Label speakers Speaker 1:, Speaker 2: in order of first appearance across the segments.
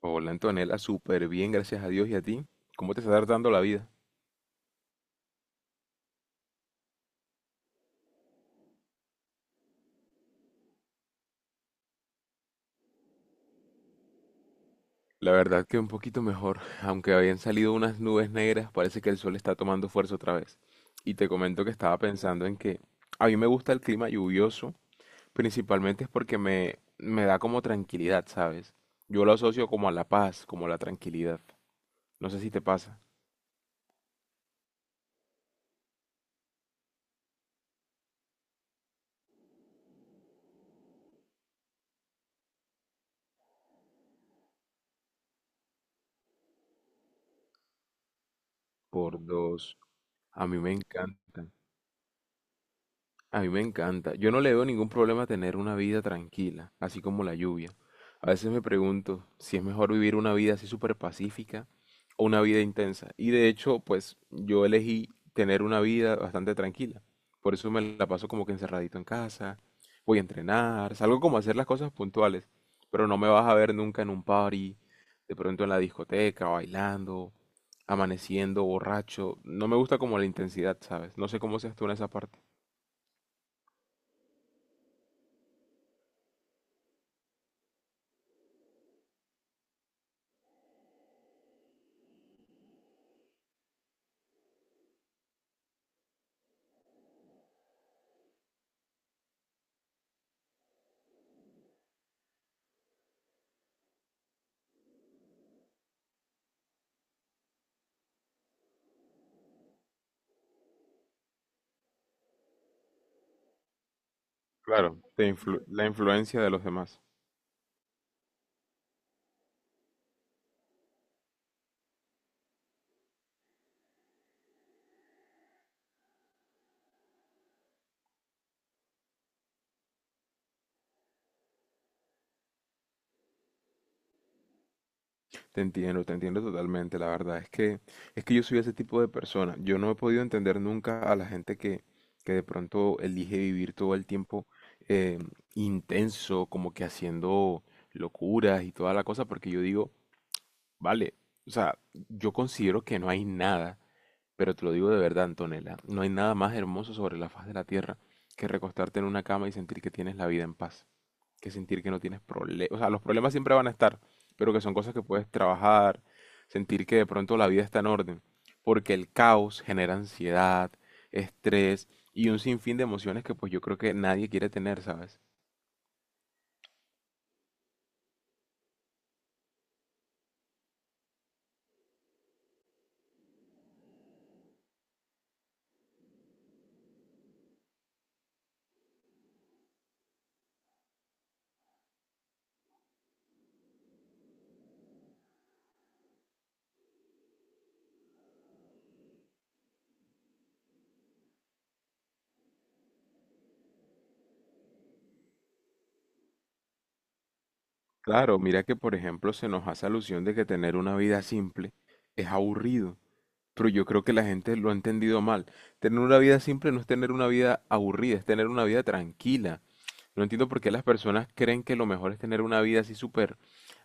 Speaker 1: Hola Antonella, súper bien, gracias a Dios y a ti. ¿Cómo te está dando la vida? La verdad que un poquito mejor, aunque habían salido unas nubes negras, parece que el sol está tomando fuerza otra vez. Y te comento que estaba pensando en que a mí me gusta el clima lluvioso, principalmente es porque me da como tranquilidad, ¿sabes? Yo lo asocio como a la paz, como a la tranquilidad. No sé si te pasa. Por dos, a mí me encanta. A mí me encanta. Yo no le veo ningún problema a tener una vida tranquila, así como la lluvia. A veces me pregunto si es mejor vivir una vida así súper pacífica o una vida intensa. Y de hecho, pues yo elegí tener una vida bastante tranquila. Por eso me la paso como que encerradito en casa, voy a entrenar, salgo como a hacer las cosas puntuales. Pero no me vas a ver nunca en un party, de pronto en la discoteca, bailando, amaneciendo, borracho. No me gusta como la intensidad, ¿sabes? No sé cómo seas tú en esa parte. Claro, la influencia de los demás. Te entiendo totalmente. La verdad es que yo soy ese tipo de persona. Yo no he podido entender nunca a la gente que de pronto elige vivir todo el tiempo eh, intenso, como que haciendo locuras y toda la cosa, porque yo digo, vale, o sea, yo considero que no hay nada, pero te lo digo de verdad, Antonella, no hay nada más hermoso sobre la faz de la tierra que recostarte en una cama y sentir que tienes la vida en paz, que sentir que no tienes problemas. O sea, los problemas siempre van a estar, pero que son cosas que puedes trabajar, sentir que de pronto la vida está en orden, porque el caos genera ansiedad, estrés y un sinfín de emociones que pues yo creo que nadie quiere tener, ¿sabes? Claro, mira que por ejemplo se nos hace alusión de que tener una vida simple es aburrido, pero yo creo que la gente lo ha entendido mal. Tener una vida simple no es tener una vida aburrida, es tener una vida tranquila. No entiendo por qué las personas creen que lo mejor es tener una vida así súper,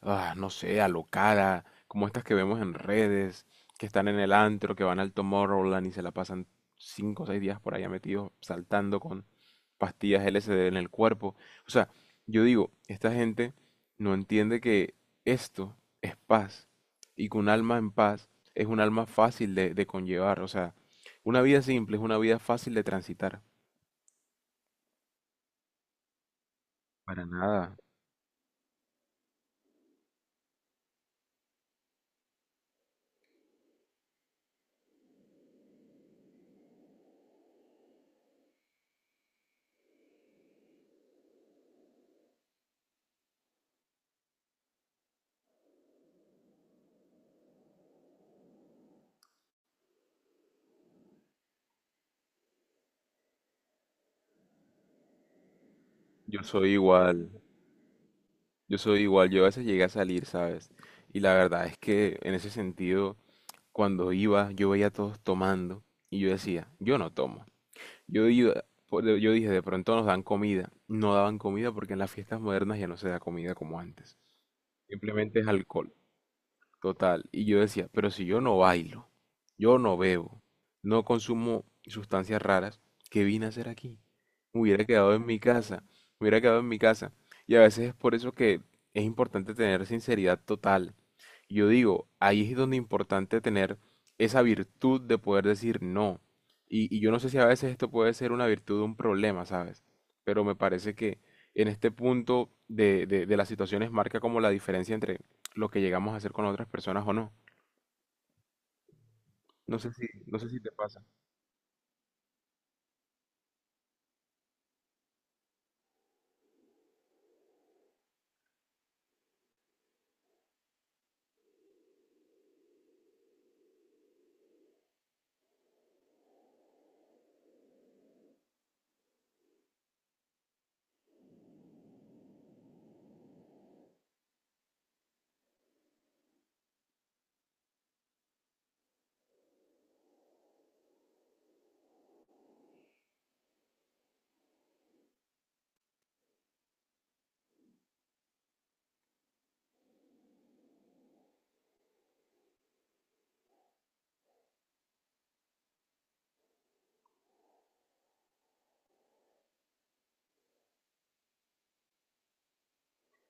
Speaker 1: ah, no sé, alocada, como estas que vemos en redes, que están en el antro, que van al Tomorrowland y se la pasan 5 o 6 días por allá metidos, saltando con pastillas LSD en el cuerpo. O sea, yo digo, esta gente no entiende que esto es paz y que un alma en paz es un alma fácil de conllevar. O sea, una vida simple es una vida fácil de transitar. Para nada. Yo soy igual. Yo soy igual, yo a veces llegué a salir, ¿sabes? Y la verdad es que en ese sentido, cuando iba, yo veía a todos tomando y yo decía, yo no tomo. Yo iba, yo dije, de pronto nos dan comida. No daban comida porque en las fiestas modernas ya no se da comida como antes. Simplemente es alcohol. Total. Y yo decía, pero si yo no bailo, yo no bebo, no consumo sustancias raras, ¿qué vine a hacer aquí? Me hubiera quedado en mi casa, me hubiera quedado en mi casa. Y a veces es por eso que es importante tener sinceridad total. Yo digo, ahí es donde es importante tener esa virtud de poder decir no. Y yo no sé si a veces esto puede ser una virtud o un problema, ¿sabes? Pero me parece que en este punto de las situaciones marca como la diferencia entre lo que llegamos a hacer con otras personas o no. No sé si, no sé si te pasa.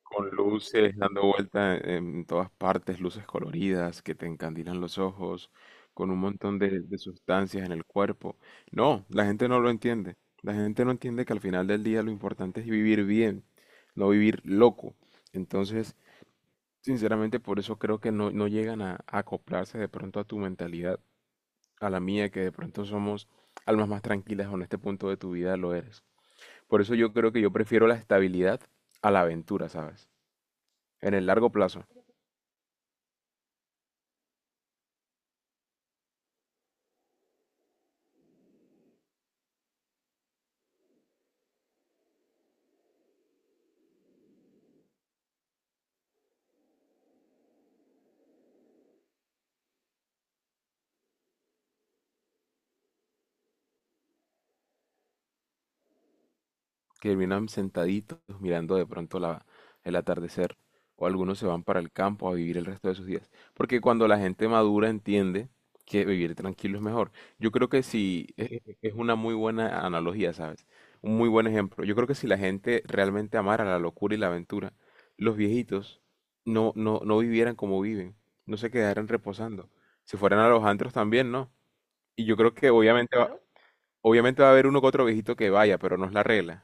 Speaker 1: Con luces dando vuelta en todas partes, luces coloridas que te encandilan los ojos, con un montón de sustancias en el cuerpo. No, la gente no lo entiende. La gente no entiende que al final del día lo importante es vivir bien, no vivir loco. Entonces, sinceramente, por eso creo que no llegan a acoplarse de pronto a tu mentalidad, a la mía, que de pronto somos almas más tranquilas o en este punto de tu vida lo eres. Por eso yo creo que yo prefiero la estabilidad a la aventura, ¿sabes? En el largo plazo, que terminan sentaditos mirando de pronto la, el atardecer, o algunos se van para el campo a vivir el resto de sus días. Porque cuando la gente madura entiende que vivir tranquilo es mejor. Yo creo que si es una muy buena analogía, ¿sabes? Un muy buen ejemplo. Yo creo que si la gente realmente amara la locura y la aventura, los viejitos no, no, no vivieran como viven, no se quedaran reposando. Si fueran a los antros también, ¿no? Y yo creo que obviamente va, claro, obviamente va a haber uno que otro viejito que vaya, pero no es la regla.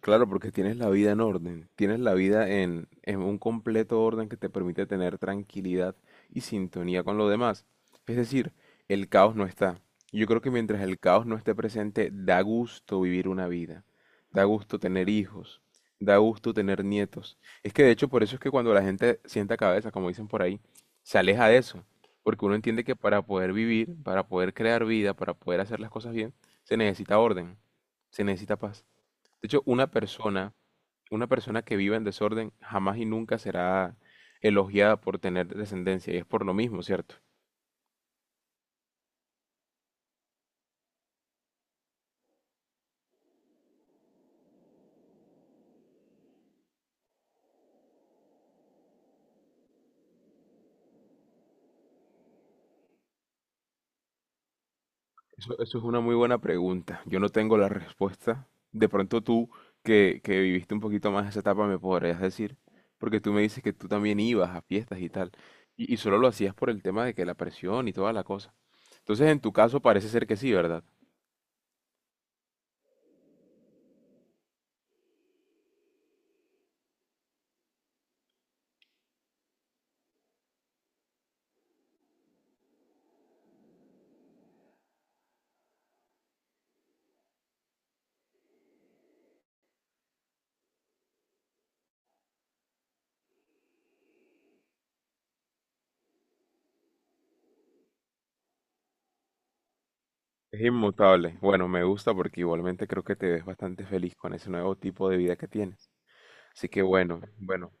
Speaker 1: Claro, porque tienes la vida en orden, tienes la vida en un completo orden que te permite tener tranquilidad y sintonía con lo demás. Es decir, el caos no está. Yo creo que mientras el caos no esté presente, da gusto vivir una vida, da gusto tener hijos, da gusto tener nietos. Es que de hecho por eso es que cuando la gente sienta cabeza, como dicen por ahí, se aleja de eso, porque uno entiende que para poder vivir, para poder crear vida, para poder hacer las cosas bien, se necesita orden, se necesita paz. De hecho, una persona que viva en desorden jamás y nunca será elogiada por tener descendencia, y es por lo mismo, ¿cierto? Eso es una muy buena pregunta. Yo no tengo la respuesta. De pronto tú, que viviste un poquito más esa etapa, me podrías decir, porque tú me dices que tú también ibas a fiestas y tal, y solo lo hacías por el tema de que la presión y toda la cosa. Entonces, en tu caso parece ser que sí, ¿verdad? Es inmutable. Bueno, me gusta porque igualmente creo que te ves bastante feliz con ese nuevo tipo de vida que tienes. Así que bueno, bueno,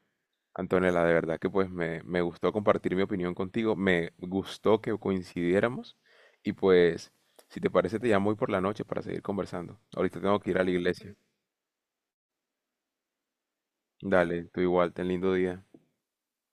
Speaker 1: Antonella, de verdad que pues me gustó compartir mi opinión contigo, me gustó que coincidiéramos y pues si te parece te llamo hoy por la noche para seguir conversando. Ahorita tengo que ir a la iglesia. Dale, tú igual, ten lindo día.